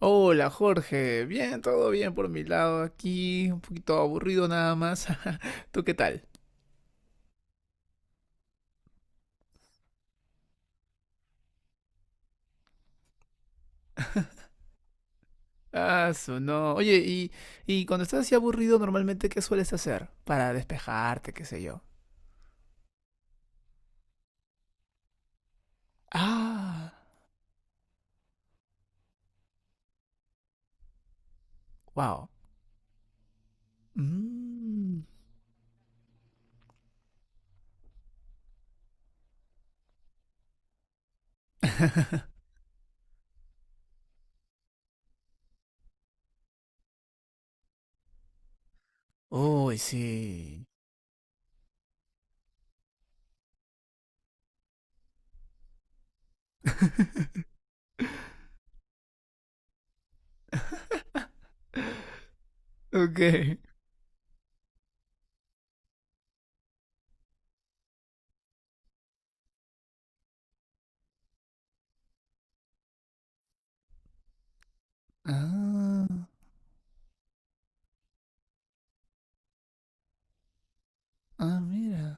Hola Jorge, bien, todo bien por mi lado aquí, un poquito aburrido nada más. ¿Tú qué tal? Ah, su no. Oye, y cuando estás así aburrido, normalmente, ¿qué sueles hacer para despejarte, qué sé yo? Ah, wow. Mm. Uy, sí. Ok. Ah, ah, mira.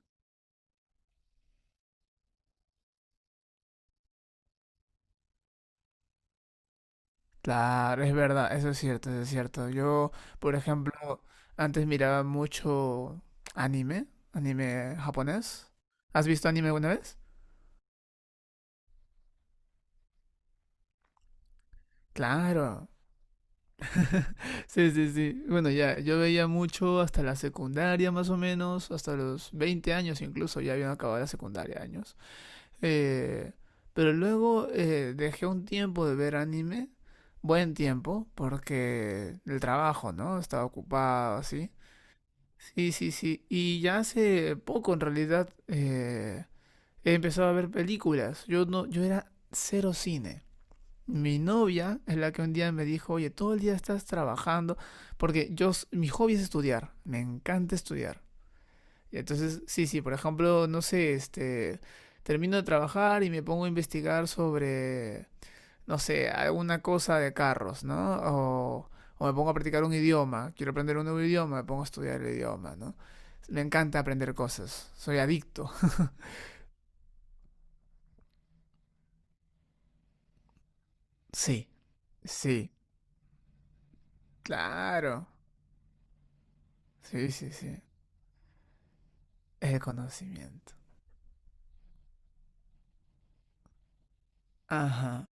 Claro, es verdad, eso es cierto, eso es cierto. Yo, por ejemplo, antes miraba mucho anime, anime japonés. ¿Has visto anime alguna vez? Claro. Sí, sí, sí. Bueno, ya, yo veía mucho hasta la secundaria más o menos, hasta los 20 años incluso, ya habían acabado la secundaria años. Eh, pero luego dejé un tiempo de ver anime, buen tiempo, porque el trabajo, ¿no? Estaba ocupado, así. Sí, sí, sí. Y ya hace poco en realidad he empezado a ver películas. Yo no, yo era cero cine. Mi novia es la que un día me dijo, oye, todo el día estás trabajando, porque mi hobby es estudiar, me encanta estudiar. Y entonces, sí, sí, por ejemplo, no sé, este, termino de trabajar y me pongo a investigar sobre no sé, alguna cosa de carros, ¿no? O, o me pongo a practicar un idioma, quiero aprender un nuevo idioma, me pongo a estudiar el idioma, ¿no? Me encanta aprender cosas, soy adicto. Sí. Sí, claro. Sí, sí, sí. El conocimiento. Ajá.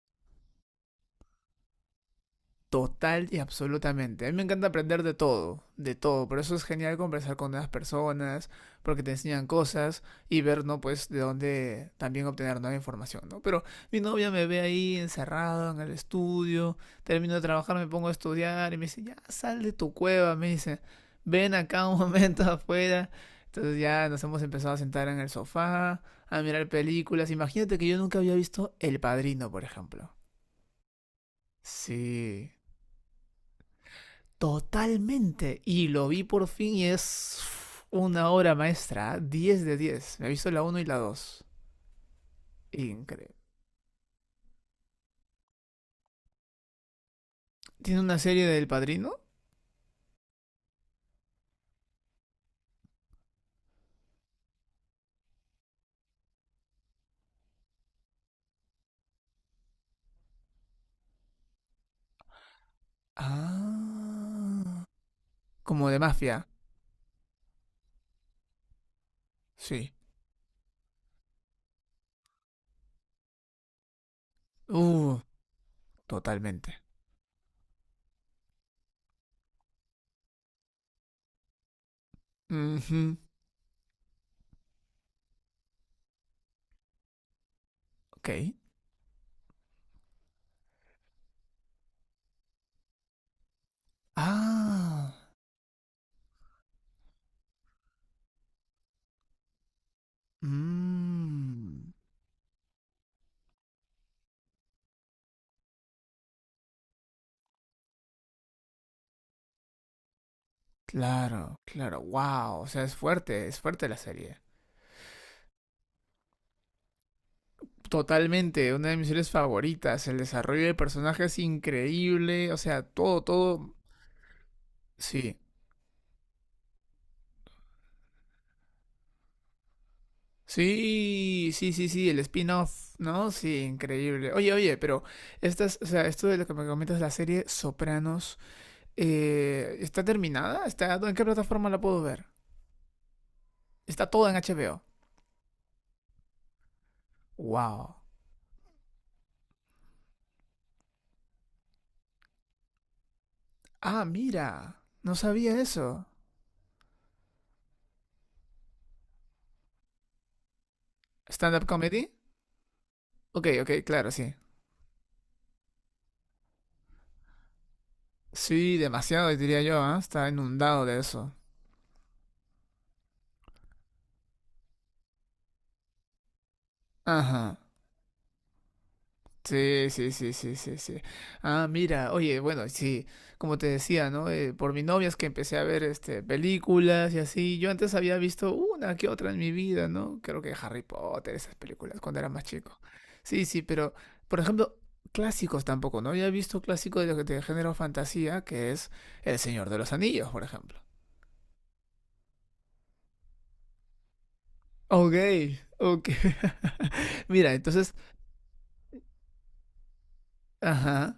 Total y absolutamente. A mí me encanta aprender de todo, de todo. Por eso es genial conversar con nuevas personas, porque te enseñan cosas y ver, ¿no? Pues de dónde también obtener nueva información, ¿no? Pero mi novia me ve ahí encerrado en el estudio, termino de trabajar, me pongo a estudiar y me dice, ya sal de tu cueva, me dice, ven acá un momento afuera. Entonces ya nos hemos empezado a sentar en el sofá, a mirar películas. Imagínate que yo nunca había visto El Padrino, por ejemplo. Sí, totalmente. Y lo vi por fin y es una obra maestra. 10 de 10. Me he visto la 1 y la 2. Increíble. ¿Tiene una serie del padrino? Ah. Como de mafia. Sí. Uh, totalmente. Ujú, ok. Ah. Mm, claro, claro. Wow. O sea, es fuerte. Es fuerte la serie. Totalmente. Una de mis series favoritas. El desarrollo de personajes increíble. O sea, todo, todo. Sí, sí, sí, sí, sí, el spin-off, ¿no? Sí, increíble. Oye, oye, pero estas, o sea, esto de lo que me comentas, la serie Sopranos, ¿está terminada? ¿En qué plataforma la puedo ver? Está toda en HBO. Wow. Ah, mira, no sabía eso. ¿Stand-up comedy? Ok, ok, claro, sí. Sí, demasiado diría yo, ¿ah? Está inundado de eso. Ajá. Sí, sí, sí, sí, sí, sí. Ah, mira, oye, bueno, sí, como te decía, ¿no? Por mi novia es que empecé a ver este películas y así. Yo antes había visto una que otra en mi vida, ¿no? Creo que Harry Potter, esas películas, cuando era más chico. Sí, sí, pero, por ejemplo, clásicos tampoco, ¿no? Había visto clásico de lo que te género fantasía, que es El Señor de los Anillos, por ejemplo. Ok, ok. Mira, entonces, ajá.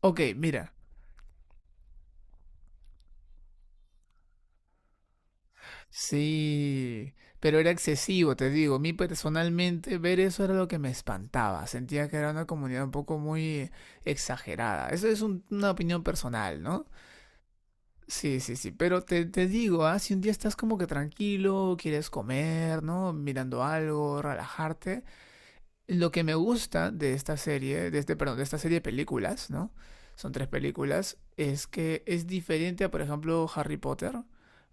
Ok, mira. Sí, pero era excesivo, te digo. A mí personalmente ver eso era lo que me espantaba. Sentía que era una comunidad un poco muy exagerada. Eso es una opinión personal, ¿no? Sí, sí, sí. Pero te digo, ah, si un día estás como que tranquilo, quieres comer, ¿no? Mirando algo, relajarte. Lo que me gusta de esta serie, de este, perdón, de esta serie de películas, ¿no? Son tres películas, es que es diferente a, por ejemplo, Harry Potter,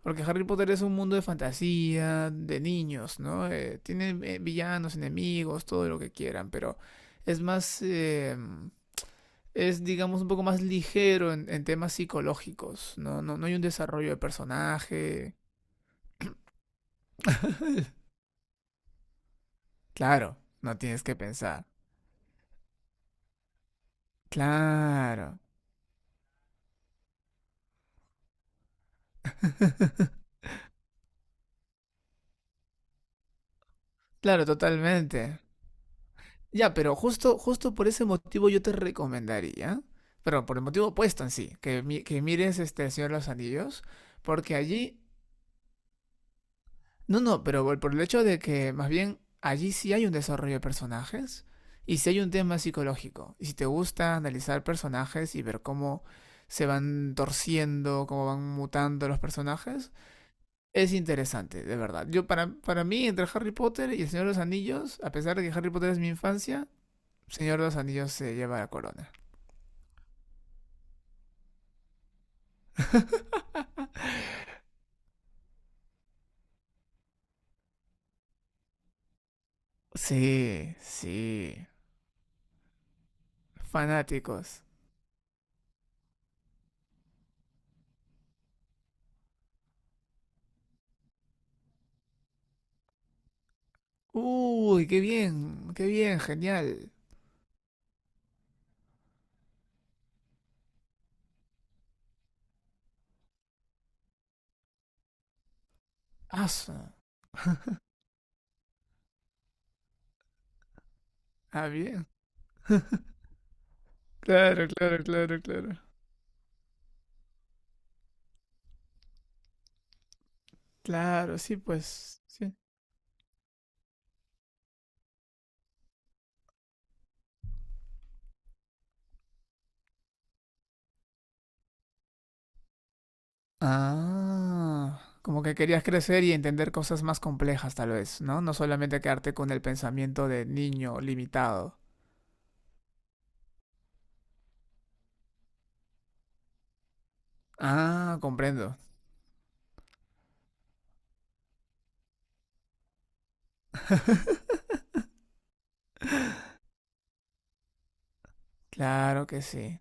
porque Harry Potter es un mundo de fantasía, de niños, ¿no? Tienen villanos, enemigos, todo lo que quieran, pero es más, es digamos un poco más ligero en, temas psicológicos, ¿no? ¿no? No hay un desarrollo de personaje. Claro, no tienes que pensar. Claro, claro, totalmente. Ya, pero justo, justo por ese motivo yo te recomendaría, pero por el motivo opuesto en sí, que mires este El Señor de los Anillos, porque allí, no, no, pero por el hecho de que más bien allí sí hay un desarrollo de personajes y sí hay un tema psicológico. Y si te gusta analizar personajes y ver cómo se van torciendo, cómo van mutando los personajes, es interesante, de verdad. Yo para mí, entre Harry Potter y El Señor de los Anillos, a pesar de que Harry Potter es mi infancia, Señor de los Anillos se lleva la corona. Sí, sí. Fanáticos. Uy, qué bien, genial. Asa. Ah, bien. Claro, claro, claro, claro. Claro, sí, pues, sí. Ah, como que querías crecer y entender cosas más complejas, tal vez, ¿no? No solamente quedarte con el pensamiento de niño limitado. Ah, comprendo. Claro que sí.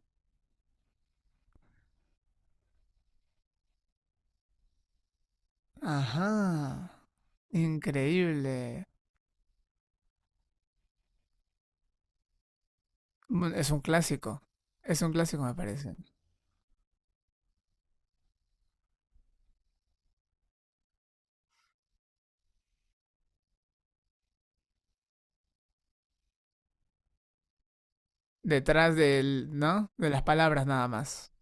Ajá. Increíble. Mm, es un clásico. Es un clásico, me parece. Detrás del, ¿no? De las palabras nada más.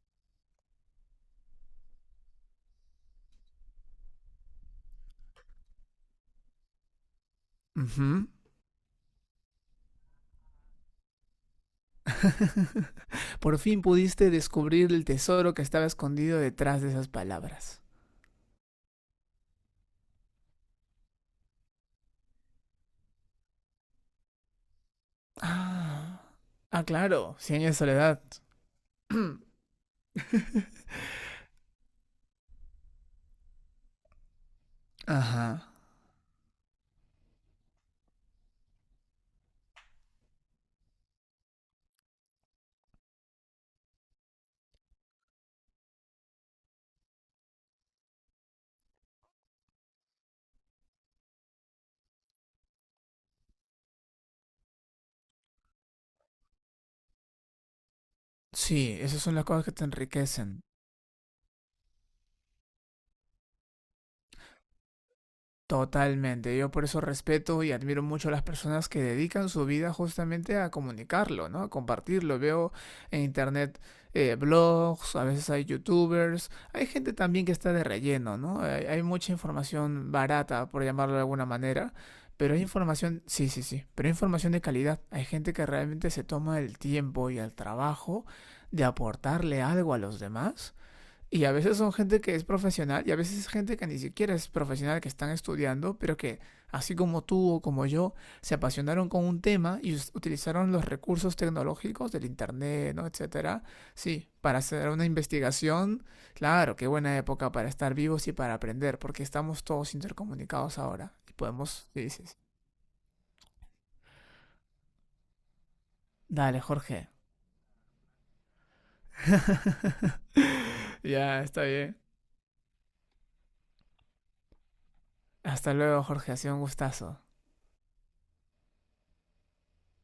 Ujú. Por fin pudiste descubrir el tesoro que estaba escondido detrás de esas palabras. Ah, ah, claro, cien años de soledad. Ajá. Sí, esas son las cosas que te enriquecen. Totalmente, yo por eso respeto y admiro mucho a las personas que dedican su vida justamente a comunicarlo, ¿no? A compartirlo. Veo en internet blogs, a veces hay youtubers, hay gente también que está de relleno, ¿no? Hay mucha información barata, por llamarlo de alguna manera, pero hay información, sí, sí, sí, pero hay información de calidad. Hay gente que realmente se toma el tiempo y el trabajo de aportarle algo a los demás y a veces son gente que es profesional y a veces es gente que ni siquiera es profesional, que están estudiando, pero que así como tú o como yo, se apasionaron con un tema y utilizaron los recursos tecnológicos del Internet, ¿no? Etcétera. Sí, para hacer una investigación. Claro, qué buena época para estar vivos y para aprender, porque estamos todos intercomunicados ahora y podemos. Sí, sí, sí. Dale, Jorge. Ya, está bien. Hasta luego, Jorge. Ha sido un gustazo.